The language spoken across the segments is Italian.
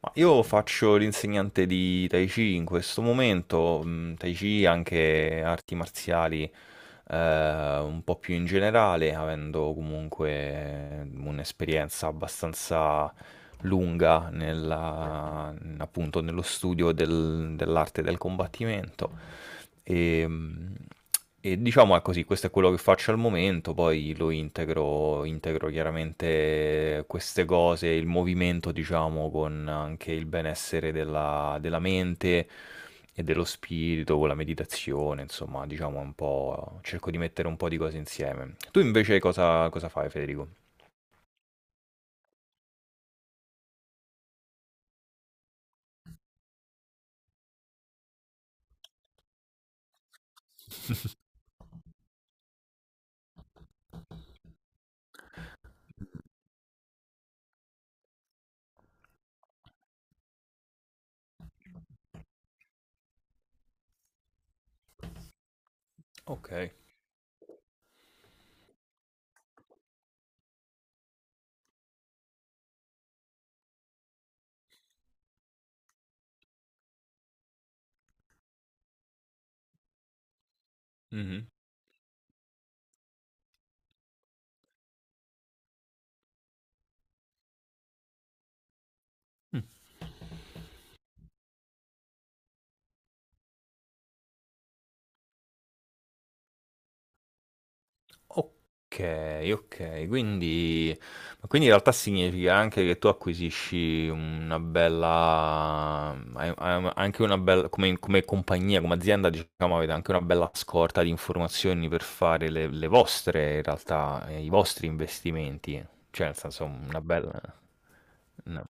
Ma io faccio l'insegnante di Tai Chi in questo momento. Mh, Tai Chi anche arti marziali un po' più in generale, avendo comunque un'esperienza abbastanza lunga appunto nello studio dell'arte del combattimento. E, mh, e diciamo è così, questo è quello che faccio al momento, poi lo integro, integro chiaramente queste cose, il movimento, diciamo, con anche il benessere della, della mente e dello spirito, con la meditazione, insomma, diciamo un po', cerco di mettere un po' di cose insieme. Tu invece cosa, cosa fai, Federico? Ok. Mhm. Mm. Ok, ok, quindi, ma quindi in realtà significa anche che tu acquisisci una bella, hai anche una bella, come, come compagnia, come azienda, diciamo, avete anche una bella scorta di informazioni per fare le vostre, in realtà, i vostri investimenti, cioè nel senso una bella... no.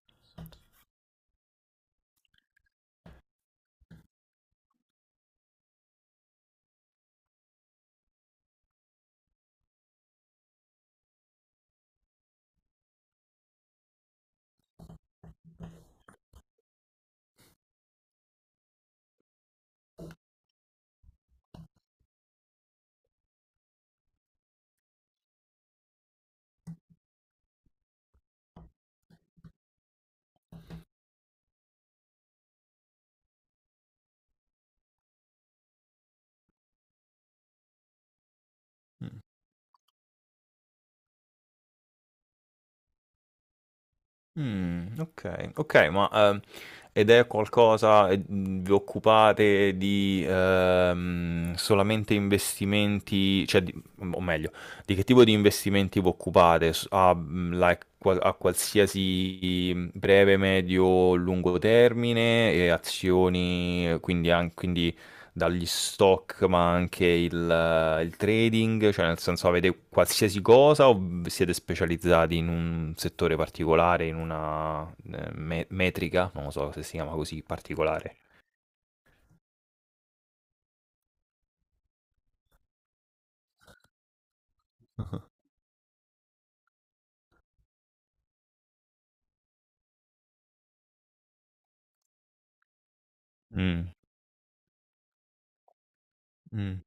Okay, okay, ma, ed è qualcosa vi occupate di, solamente investimenti cioè di o meglio, di che tipo di investimenti vi occupate? Like qua a qualsiasi, breve, medio, lungo termine e azioni, quindi dagli stock, ma anche il trading, cioè nel senso avete qualsiasi cosa o siete specializzati in un settore particolare, in una metrica, non lo so se si chiama così, particolare. Mm, mm,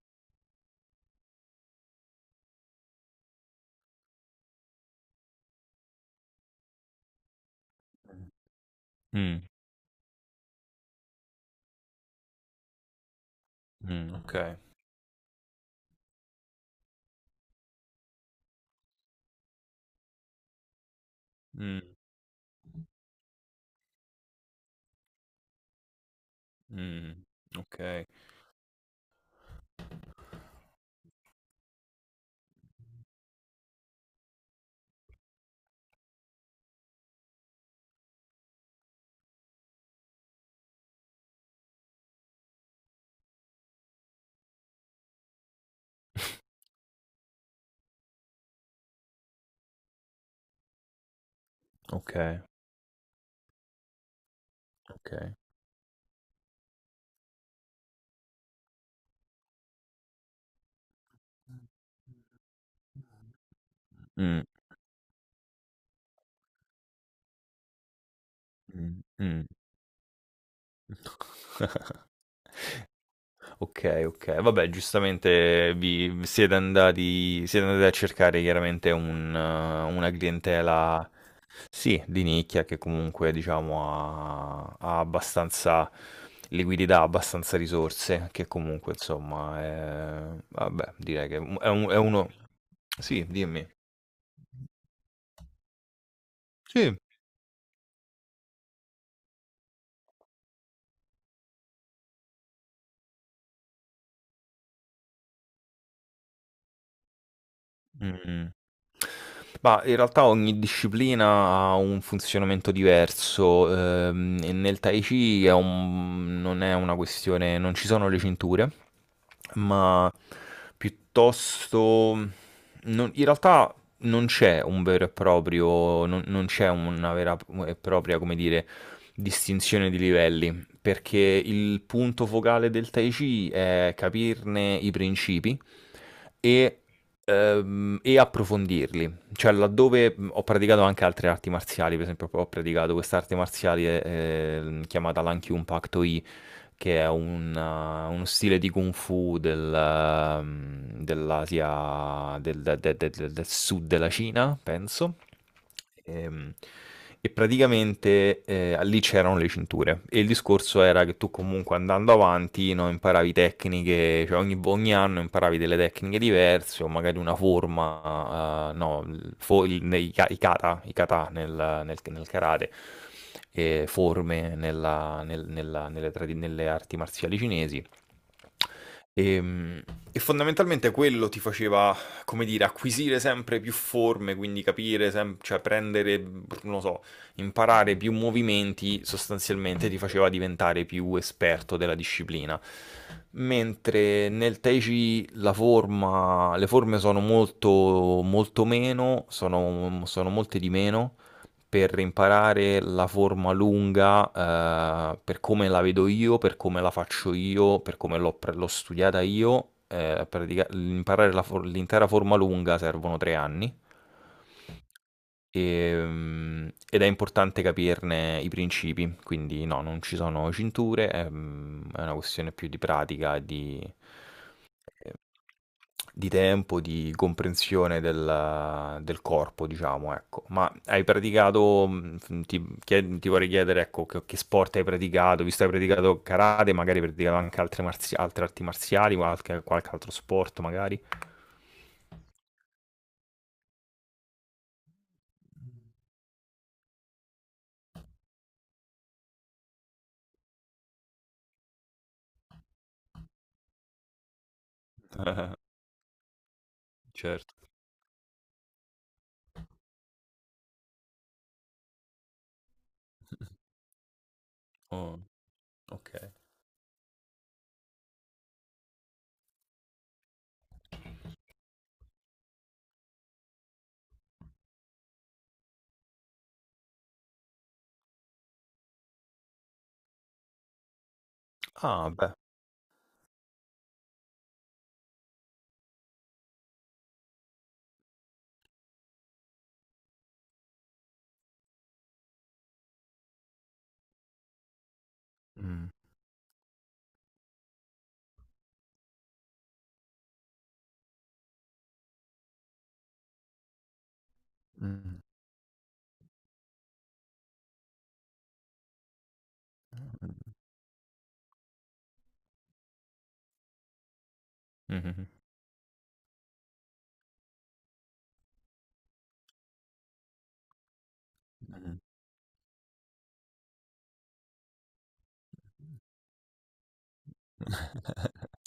mm, mm, ok, mm, mm, ok, ok, ok. Mm, mm, mm. Ok, ok. Vabbè, giustamente siete andati a cercare chiaramente un, una clientela, sì, di nicchia che comunque diciamo ha, ha abbastanza liquidità, abbastanza risorse, che comunque insomma è, vabbè, direi che è, è uno... Sì, dimmi. Sì. Mh-mh. Ma in realtà ogni disciplina ha un funzionamento diverso, e nel Tai Chi è un non è una questione non ci sono le cinture ma piuttosto... in realtà non c'è un vero e proprio, non, non c'è una vera e propria, come dire, distinzione di livelli, perché il punto focale del Tai Chi è capirne i principi e, e approfondirli. Cioè, laddove ho praticato anche altre arti marziali, per esempio, ho praticato quest'arte marziale chiamata l'Ankyun Pak Do che è un, uno stile di Kung Fu del, dell'Asia, del, del sud della Cina, penso. Ehm, praticamente lì c'erano le cinture. E il discorso era che tu comunque andando avanti no, imparavi tecniche, cioè ogni, ogni anno imparavi delle tecniche diverse o magari una forma, no, nei, i kata nel karate forme nelle, nelle arti marziali cinesi. Ehm, E fondamentalmente quello ti faceva, come dire, acquisire sempre più forme, quindi capire, cioè prendere, non lo so, imparare più movimenti, sostanzialmente ti faceva diventare più esperto della disciplina. Mentre nel Tai Chi la forma, le forme sono molto, molto meno, sono, sono molte di meno per imparare la forma lunga, per come la vedo io, per come la faccio io, per come l'ho studiata io, imparare la l'intera forma lunga servono 3 anni. Ed è importante capirne i principi, quindi no, non ci sono cinture, è, mm, è una questione più di pratica e ehm, di tempo, di comprensione del del corpo, diciamo, ecco. Ma hai praticato, mhmm, f ti chie ti vorrei chiedere, ecco, che sport hai praticato, visto che hai praticato karate, magari hai praticato anche altre marzia altre arti marziali, qualche qualche altro sport magari? Eh-eh, certo. Oh, okay. Ah, beh. Mh. Mh, mh. Mh-mh-mh.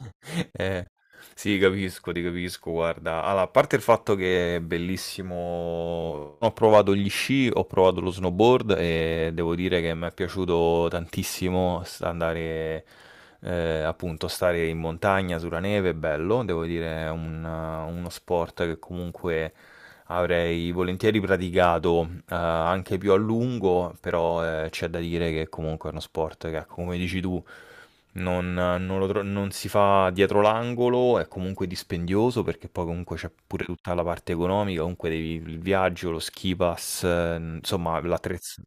Eh, sì, capisco, ti capisco, guarda. Allora, a parte il fatto che è bellissimo, ho provato gli sci, ho provato lo snowboard e devo dire che mi è piaciuto tantissimo andare, appunto, stare in montagna sulla neve, è bello, devo dire è uno sport che comunque avrei volentieri praticato, anche più a lungo, però, c'è da dire che comunque è uno sport che, come dici tu, non, non lo tro non si fa dietro l'angolo, è comunque dispendioso perché poi comunque c'è pure tutta la parte economica, comunque devi il viaggio, lo ski pass, insomma l'attrezz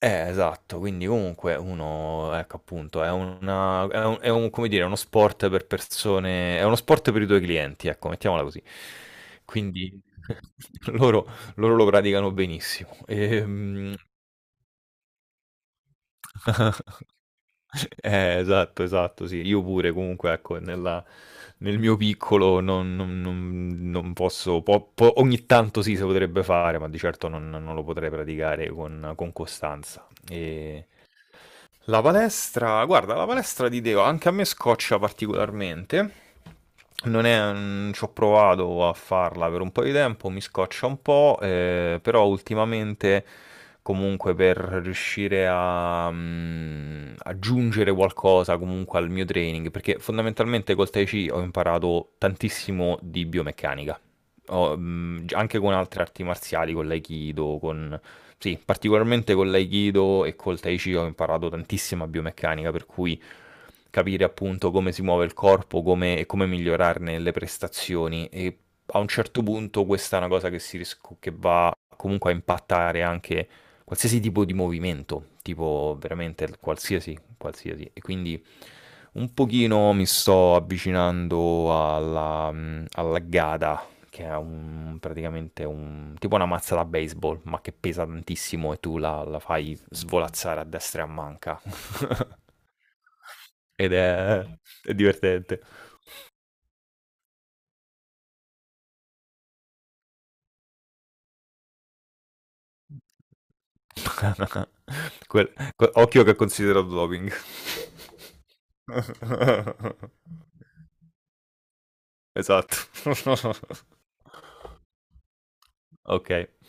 esatto, quindi comunque uno, ecco appunto, è una è un come dire, è uno sport per persone è uno sport per i tuoi clienti, ecco, mettiamola così. Quindi loro loro lo praticano benissimo. Eh, esatto, esatto, sì. Io pure comunque, ecco, nel mio piccolo non posso po po ogni tanto sì, si potrebbe fare, ma di certo non lo potrei praticare con costanza. La palestra, guarda, la palestra di Deo anche a me scoccia particolarmente. Non è, ci ho provato a farla per un po' di tempo, mi scoccia un po', però ultimamente comunque per riuscire a mm, aggiungere qualcosa comunque al mio training, perché fondamentalmente col Tai Chi ho imparato tantissimo di biomeccanica, ho, mm, anche con altre arti marziali, con l'Aikido, con sì, particolarmente con l'Aikido e col Tai Chi ho imparato tantissima biomeccanica, per cui capire appunto come si muove il corpo, come, e come migliorarne le prestazioni. E a un certo punto questa è una cosa che, che va comunque a impattare anche qualsiasi tipo di movimento, tipo veramente qualsiasi, qualsiasi. E quindi un pochino mi sto avvicinando alla, alla Gada, che è un, praticamente un, tipo una mazza da baseball, ma che pesa tantissimo e tu la, la fai svolazzare a destra e a manca. Ed è divertente. Occhio che è considerato doping. Esatto. Ok.